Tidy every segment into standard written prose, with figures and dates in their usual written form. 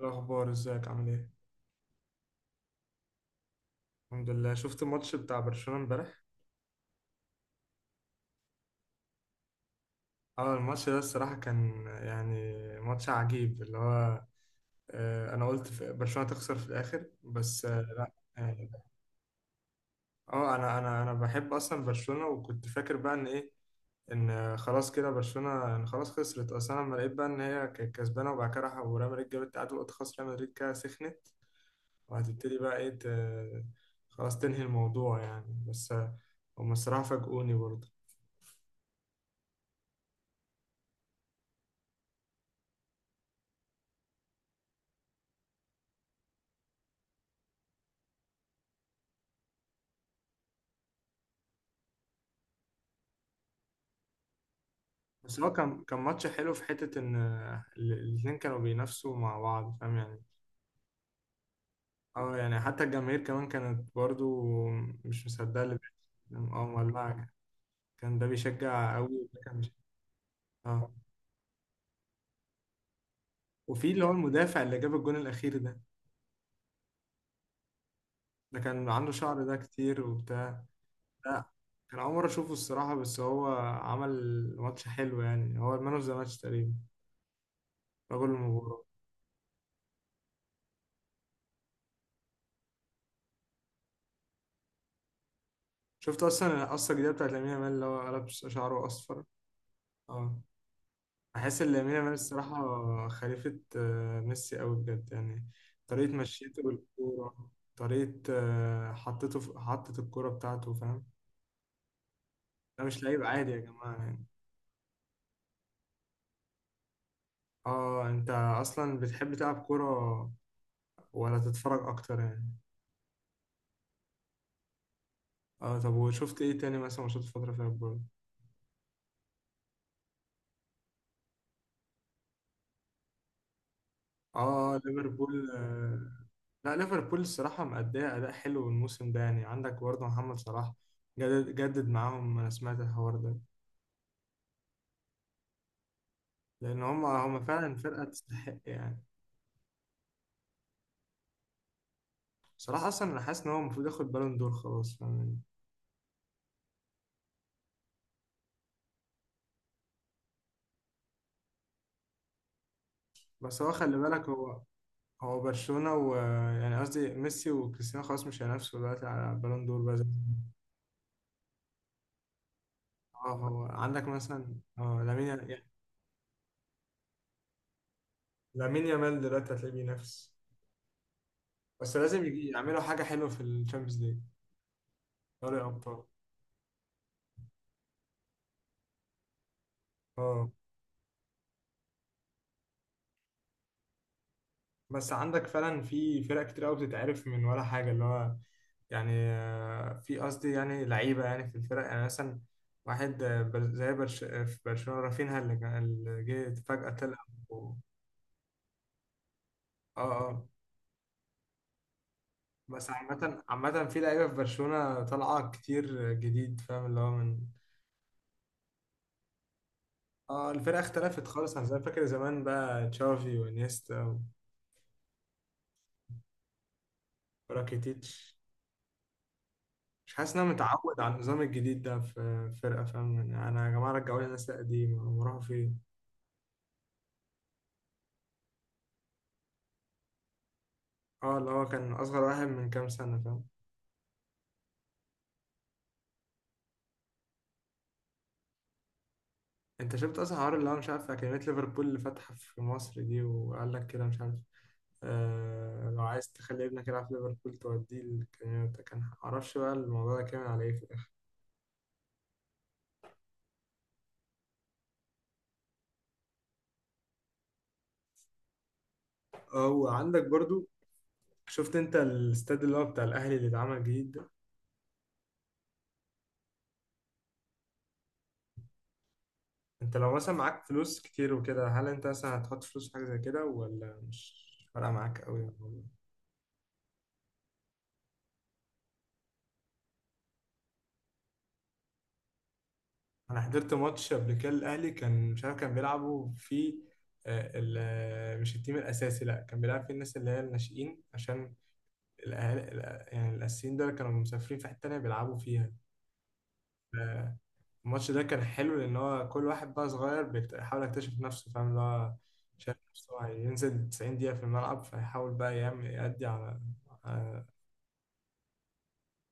الأخبار ازيك عامل ايه؟ الحمد لله، شفت الماتش بتاع برشلونة امبارح؟ اه الماتش ده الصراحة كان يعني ماتش عجيب اللي هو انا قلت برشلونة تخسر في الآخر بس لا. اه انا بحب اصلا برشلونة، وكنت فاكر بقى ان ايه، ان خلاص كده برشلونة، ان خلاص خسرت اصلا. لما لقيت بقى ان هي كانت كسبانة وبعد كده راح وريال مدريد جابت التعادل، قلت خلاص ريال مدريد كده سخنت وهتبتدي بقى ايه خلاص تنهي الموضوع يعني. بس هم الصراحة فاجئوني برضه. بس هو كان كان ماتش حلو في حتة إن الاتنين كانوا بينافسوا مع بعض فاهم يعني. أه يعني حتى الجماهير كمان كانت برضو مش مصدقة اللي بيحصل. أه مولعة. كان ده بيشجع أوي وده كان مش. أه وفي اللي هو المدافع اللي جاب الجون الأخير ده، ده كان عنده شعر ده كتير وبتاع. لا كان أول مرة أشوفه الصراحة، بس هو عمل ماتش حلو يعني. هو المان أوف ذا ماتش تقريبا، رجل المباراة. شفت أصلا القصة الجديدة بتاعت لامين يامال اللي هو قلب شعره أصفر؟ أه بحس ان لامين يامال الصراحه خليفه ميسي قوي بجد يعني. طريقه مشيته بالكوره، طريقه حطته في حطت الكوره بتاعته فاهم. ده مش لعيب عادي يا جماعه يعني. اه انت اصلا بتحب تلعب كوره ولا تتفرج اكتر يعني؟ اه طب وشفت ايه تاني مثلا ماتشات الفتره فيها الجول؟ اه ليفربول آه. لا ليفربول الصراحه مأدية اداء حلو الموسم ده يعني، عندك برضه محمد صلاح جدد معاهم، انا سمعت الحوار ده. لان هم فعلا فرقه تستحق يعني. بصراحه اصلا انا حاسس ان هو المفروض ياخد بالون دور خلاص، فاهمني. بس هو خلي بالك هو، هو برشلونه و، يعني قصدي ميسي وكريستيانو خلاص مش هينافسوا دلوقتي على بالون دور بقى زي زمان. اه هو عندك مثلا اه لامين يعني، لامين يامال دلوقتي هتلاقيه بينافس. بس لازم يجي يعملوا حاجه حلوه في الشامبيونز ليج، دوري ابطال. اه بس عندك فعلا في فرق كتير قوي بتتعرف من ولا حاجه اللي هو، يعني في قصدي يعني لعيبه يعني في الفرق يعني مثلا واحد زي برش آه، في برشلونه رافينها اللي جه فجاه طلع و. اه اه، بس عامه عامه في لعيبه في برشلونه طالعه كتير جديد فاهم اللي هو من. اه الفرقه اختلفت خالص عن زمان. فاكر زمان بقى تشافي وانيستا وراكيتيتش؟ مش حاسس ان انا متعود على النظام الجديد ده في فرقه فاهم يعني. انا يا جماعه رجعوا لي الناس القديمه، هم راحوا فين؟ اه اللي هو كان اصغر واحد من كام سنه فاهم. انت شفت اصلا حوار اللي هو مش عارف اكاديميه ليفربول اللي فاتحه في مصر دي وقال لك كده مش عارف، آه لو عايز تخلي ابنك يلعب في ليفربول توديه الاكاديميه بتاع. كان معرفش بقى الموضوع ده كامل على ايه في الاخر. اه وعندك برضو، شفت انت الاستاد اللي هو بتاع الاهلي اللي اتعمل جديد ده؟ انت لو مثلا معاك فلوس كتير وكده، هل انت مثلا هتحط فلوس في حاجه زي كده ولا مش فارقه معاك قوي؟ انا حضرت ماتش قبل كده، الاهلي كان مش عارف كان بيلعبوا في مش التيم الاساسي، لا كان بيلعب فيه الناس اللي هي الناشئين، عشان الاهالي يعني الاساسيين دول كانوا مسافرين في حته تانيه بيلعبوا فيها. آه، الماتش ده كان حلو لان هو كل واحد بقى صغير بيحاول يكتشف نفسه فاهم اللي هو شايف نفسه هينزل 90 دقيقه في الملعب، فيحاول بقى يعمل يأدي على.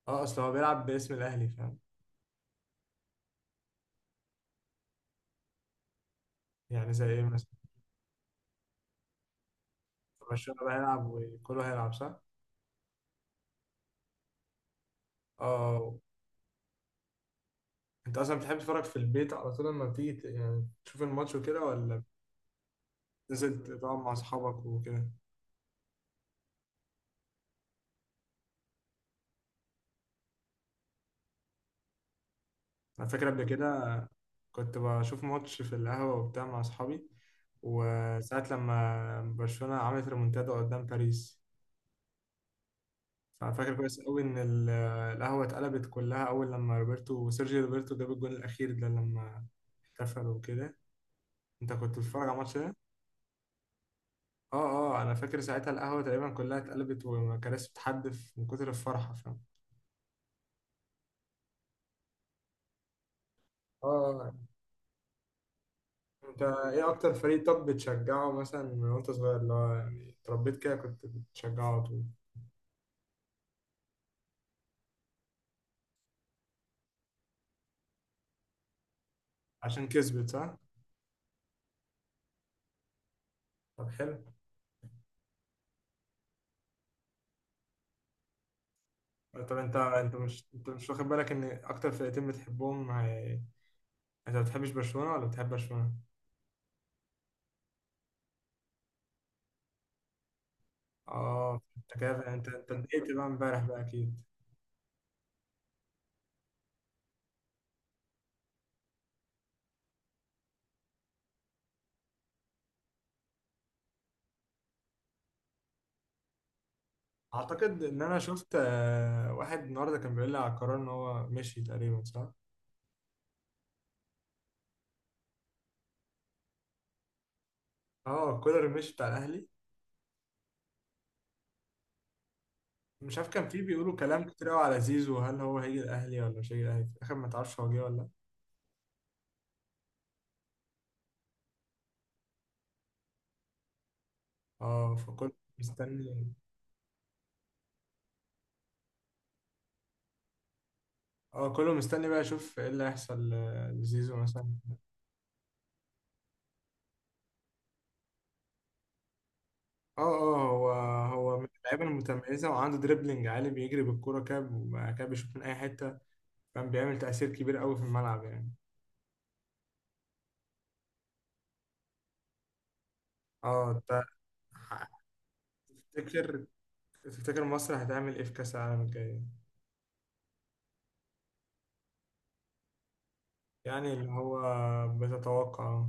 اه اصل هو بيلعب باسم الاهلي فاهم. يعني زي ايه مثلا؟ برشلونه بقى هيلعب وكله هيلعب صح؟ اه انت اصلا بتحب تتفرج في البيت على طول لما بتيجي يعني تشوف الماتش وكده، ولا بتنزل تقعد مع اصحابك وكده؟ انا فاكر قبل كده كنت بشوف ماتش في القهوه وبتاع مع اصحابي، وساعة لما برشلونة عملت ريمونتادا قدام باريس، فأنا فاكر كويس قوي إن القهوة اتقلبت كلها أول لما روبرتو سيرجيو روبرتو جاب الجون الأخير ده، لما احتفل وكده. أنت كنت بتتفرج على الماتش ده؟ اه اه انا فاكر ساعتها القهوه تقريبا كلها اتقلبت وكراسي بتحدف من كتر الفرحه فاهم. اه انت ايه اكتر فريق طب بتشجعه مثلا من وانت صغير اللي هو يعني اتربيت كده كنت بتشجعه على طول؟ عشان كسبت صح؟ طب حلو. طب انت مش واخد بالك ان اكتر فرقتين بتحبهم هي… انت ما بتحبش برشلونه ولا بتحب برشلونه؟ اه انت كده، انت اتضايقت بقى امبارح بقى اكيد. اعتقد ان انا شفت واحد النهارده كان بيقول لي على القرار ان هو مشي تقريبا صح؟ اه كولر مش بتاع الاهلي. مش عارف كان فيه بيقولوا كلام كتير قوي على زيزو، هل هو هيجي الاهلي ولا مش هيجي الاهلي في الاخر؟ ما تعرفش هو جه ولا لا؟ اه فكله مستني. اه كله مستني بقى يشوف ايه اللي هيحصل لزيزو مثلا. اه اه هو، هو من اللعيبه المتميزه وعنده دريبلينج عالي، بيجري بالكوره كده وبعد كده بيشوط من اي حته. كان بيعمل تاثير كبير قوي في الملعب يعني. اه انت، تفتكر تفتكر مصر هتعمل ايه في كاس العالم الجاي؟ يعني اللي هو بتتوقع.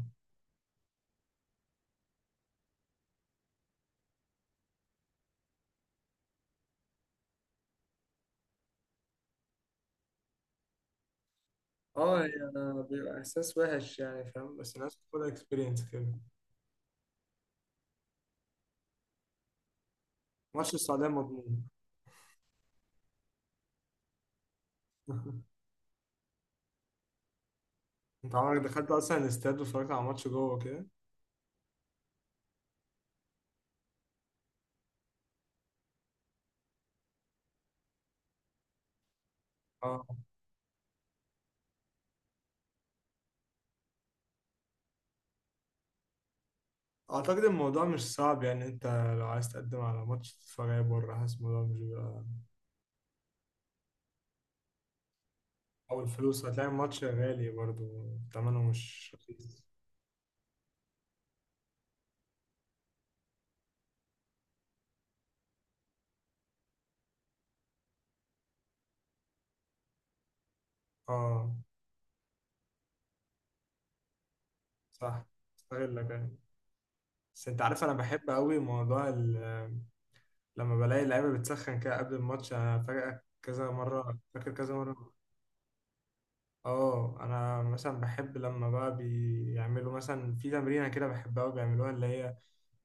اه يعني بيبقى احساس وحش يعني فاهم، بس لازم تاخد اكسبيرينس كده. ماتش السعوديه مضمون؟ انت عمرك دخلت اصلا الاستاد واتفرجت على ماتش جوه كده؟ اه اعتقد الموضوع مش صعب يعني. انت لو عايز تقدم على ماتش تتفرج عليه بره، حاسس الموضوع مش بيبقى، او الفلوس، هتلاقي الماتش غالي برضه ثمنه مش رخيص. اه صح، استغلك يعني. بس انت عارف انا بحب قوي موضوع لما بلاقي اللعيبه بتسخن كده قبل الماتش. انا فجأة كذا مره فاكر كذا مره. اه انا مثلا بحب لما بقى بيعملوا مثلا في تمرينه كده، بحبها وبيعملوها اللي هي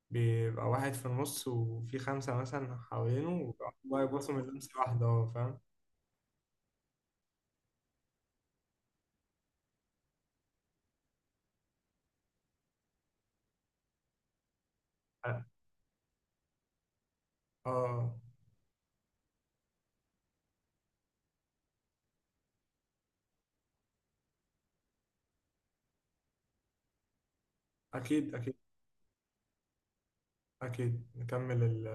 بيبقى واحد في النص وفي خمسه مثلا حوالينه وبيقعدوا بقى يبصوا من لمسه واحده، اه فاهم. اه اكيد اكيد اكيد. نكمل ال